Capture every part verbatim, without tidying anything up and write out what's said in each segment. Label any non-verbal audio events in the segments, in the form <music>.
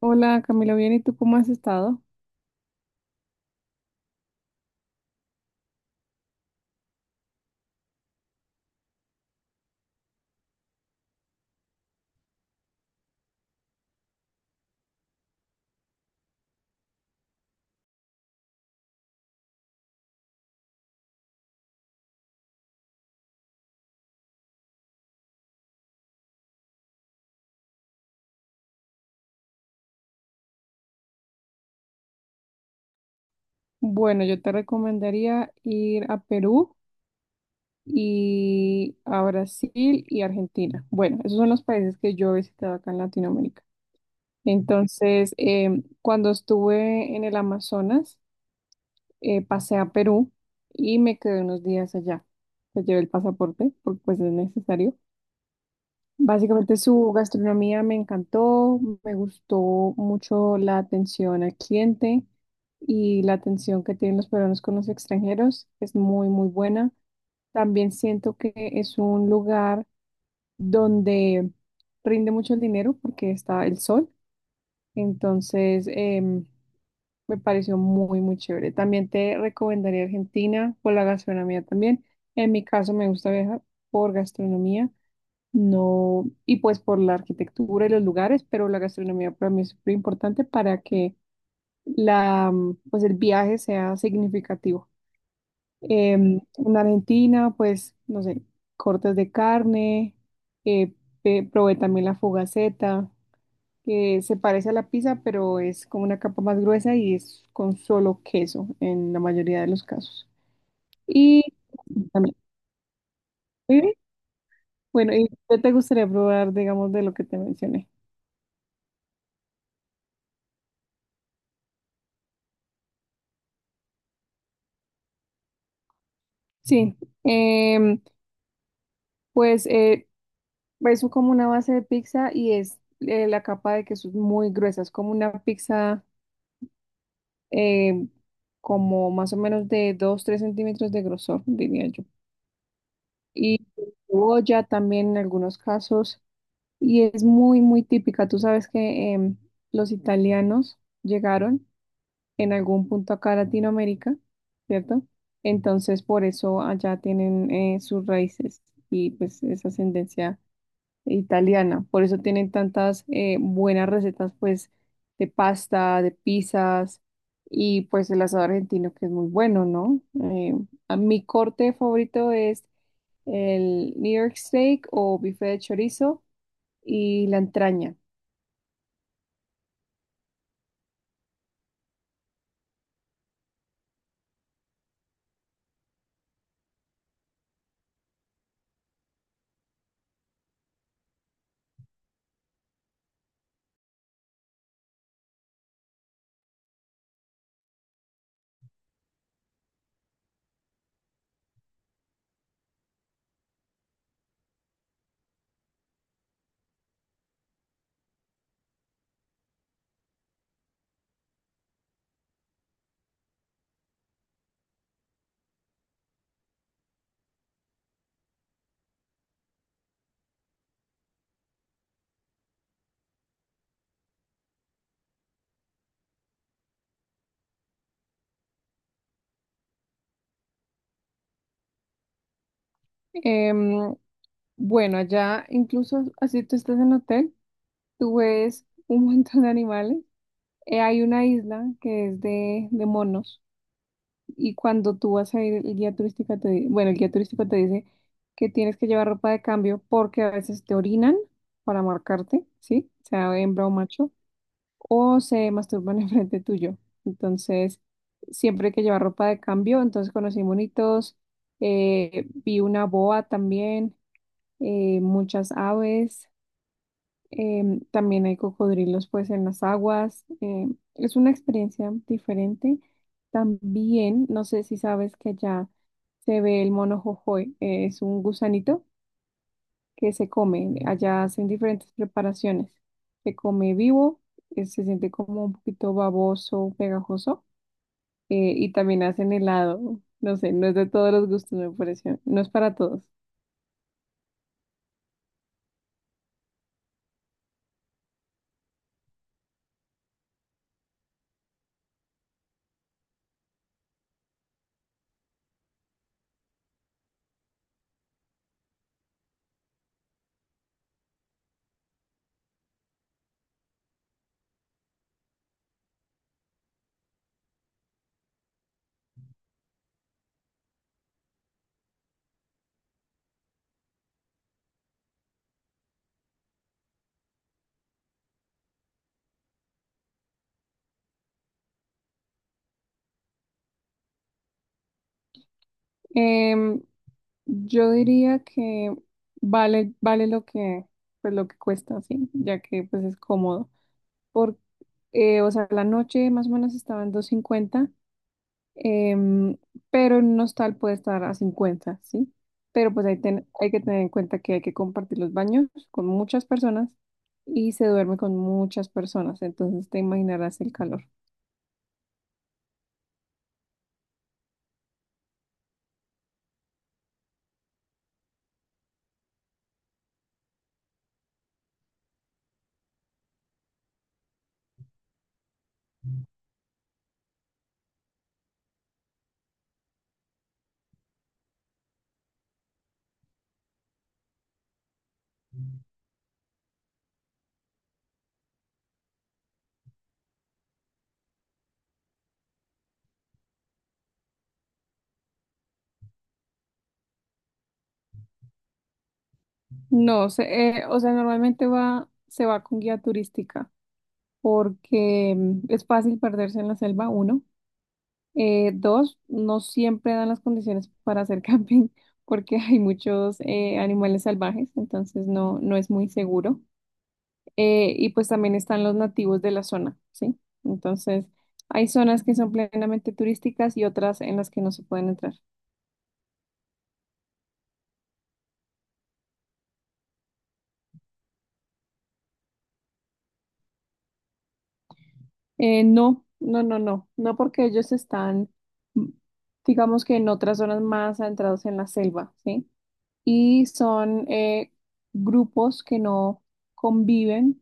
Hola Camilo, bien, ¿y tú cómo has estado? Bueno, yo te recomendaría ir a Perú y a Brasil y Argentina. Bueno, esos son los países que yo he visitado acá en Latinoamérica. Entonces, em, cuando estuve en el Amazonas, eh, pasé a Perú y me quedé unos días allá. Pues llevé el pasaporte porque pues es necesario. Básicamente su gastronomía me encantó, me gustó mucho la atención al cliente y la atención que tienen los peruanos con los extranjeros es muy, muy buena. También siento que es un lugar donde rinde mucho el dinero porque está el sol, entonces em, me pareció muy, muy chévere. También te recomendaría Argentina por la gastronomía también. En mi caso me gusta viajar por gastronomía. No, y pues por la arquitectura y los lugares, pero la gastronomía para mí es súper importante para que la, mm, pues el viaje sea significativo. Em, en Argentina, pues, no sé, cortes de carne, eh, pe- probé también la fugaceta, que se parece a la pizza, pero es como una capa más gruesa y es con solo queso en la mayoría de los casos. Y también, ¿sí? Bueno, ¿y qué te gustaría probar, digamos, de lo que te mencioné? Sí, em, pues eh, es como una base de pizza y es eh, la capa de queso es muy gruesa, es como una pizza em, como más o menos de dos, tres centímetros de grosor, diría yo. Y cebolla también en algunos casos y es muy, muy típica. Tú sabes que em, los italianos llegaron en algún punto acá a Latinoamérica, ¿cierto? Entonces por eso allá tienen eh, sus raíces y pues esa ascendencia italiana. Por eso tienen tantas eh, buenas recetas, pues, de pasta, de pizzas y pues el asado argentino, que es muy bueno, ¿no? Eh, a mi corte favorito es el New York Steak o bife de chorizo y la entraña. Em, bueno, allá incluso así tú estás en hotel, tú ves un <laughs> montón de animales. Eh, hay una isla que es de, de monos. Y cuando tú vas a ir, el guía turístico te, di- bueno, el guía turístico te dice que tienes que llevar ropa de cambio porque a veces te orinan para marcarte, ¿sí? Sea hembra o macho, o se masturban <laughs> enfrente tuyo. Entonces, siempre hay que llevar ropa de cambio. Entonces, conocí monitos, eh, vi una boa también, eh, muchas aves. Em, también hay cocodrilos pues en las aguas. Em, es una experiencia diferente. También, no sé si sabes que allá se ve el mono jojoy, eh, es un gusanito que se come. Allá hacen diferentes preparaciones. Se come vivo, eh, se siente como un poquito baboso, pegajoso, eh, y también hacen helado. No sé, no es de todos los gustos, me pareció. No es para todos. Em, Yo diría que vale, vale lo que, pues lo que cuesta, sí, ya que pues es cómodo. Por, eh, o sea, la noche más o menos estaba en doscientos cincuenta em, pero en un hostal puede estar a cincuenta, sí. Pero pues hay, ten- hay que tener en cuenta que hay que compartir los baños con muchas personas y se duerme con muchas personas, entonces te imaginarás el calor. No, se, eh, O sea, normalmente va, se va con guía turística. Porque mm, es fácil perderse en la selva, uno. Eh, dos, no siempre dan las condiciones para hacer <laughs> camping porque hay muchos eh, animales salvajes, entonces no, no es muy seguro. Eh, y pues también están los nativos de la zona, ¿sí? Entonces, hay zonas que son plenamente turísticas y otras en las que no se pueden entrar. Eh, no, no, no, no, no, porque ellos están, mm, digamos que en otras zonas más adentrados en la selva, ¿sí? Y son eh, grupos que no conviven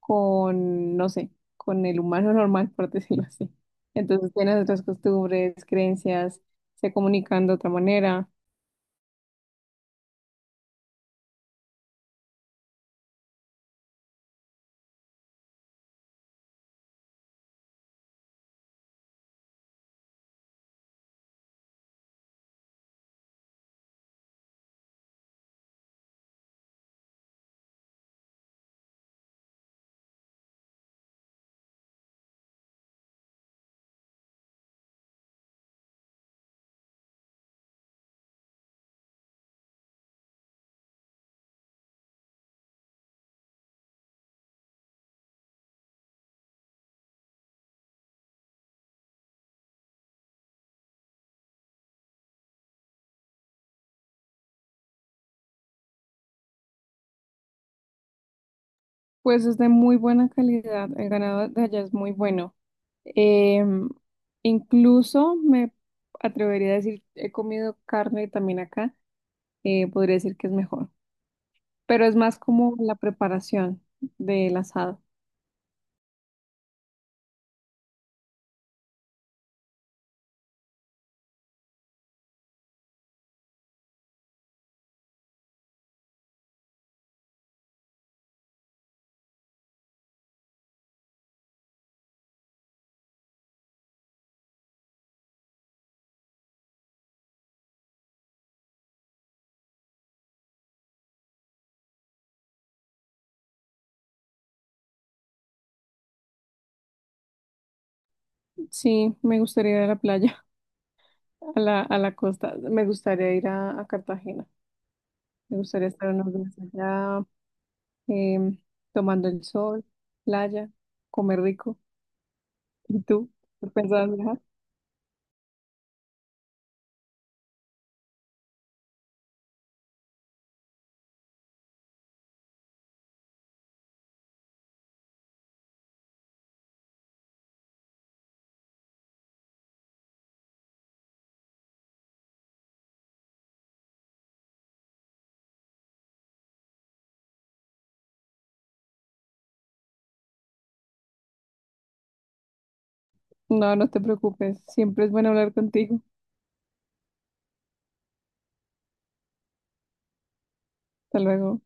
con, no sé, con el humano <laughs> normal, por decirlo así. Entonces tienen otras costumbres, creencias, se comunican de otra manera. Pues es de muy buena calidad, el ganado de allá es muy bueno. Em, Incluso me atrevería a decir, he comido carne también acá, eh, podría decir que es mejor, pero es más como la preparación del asado. Sí, me gustaría ir a la playa, <laughs> a la, a la costa. Me gustaría ir a, a Cartagena. Me gustaría estar unos días allá, em, tomando el sol, playa, comer rico. ¿Y tú? ¿Pensabas viajar? No, no te preocupes. Siempre es bueno hablar contigo. Hasta luego.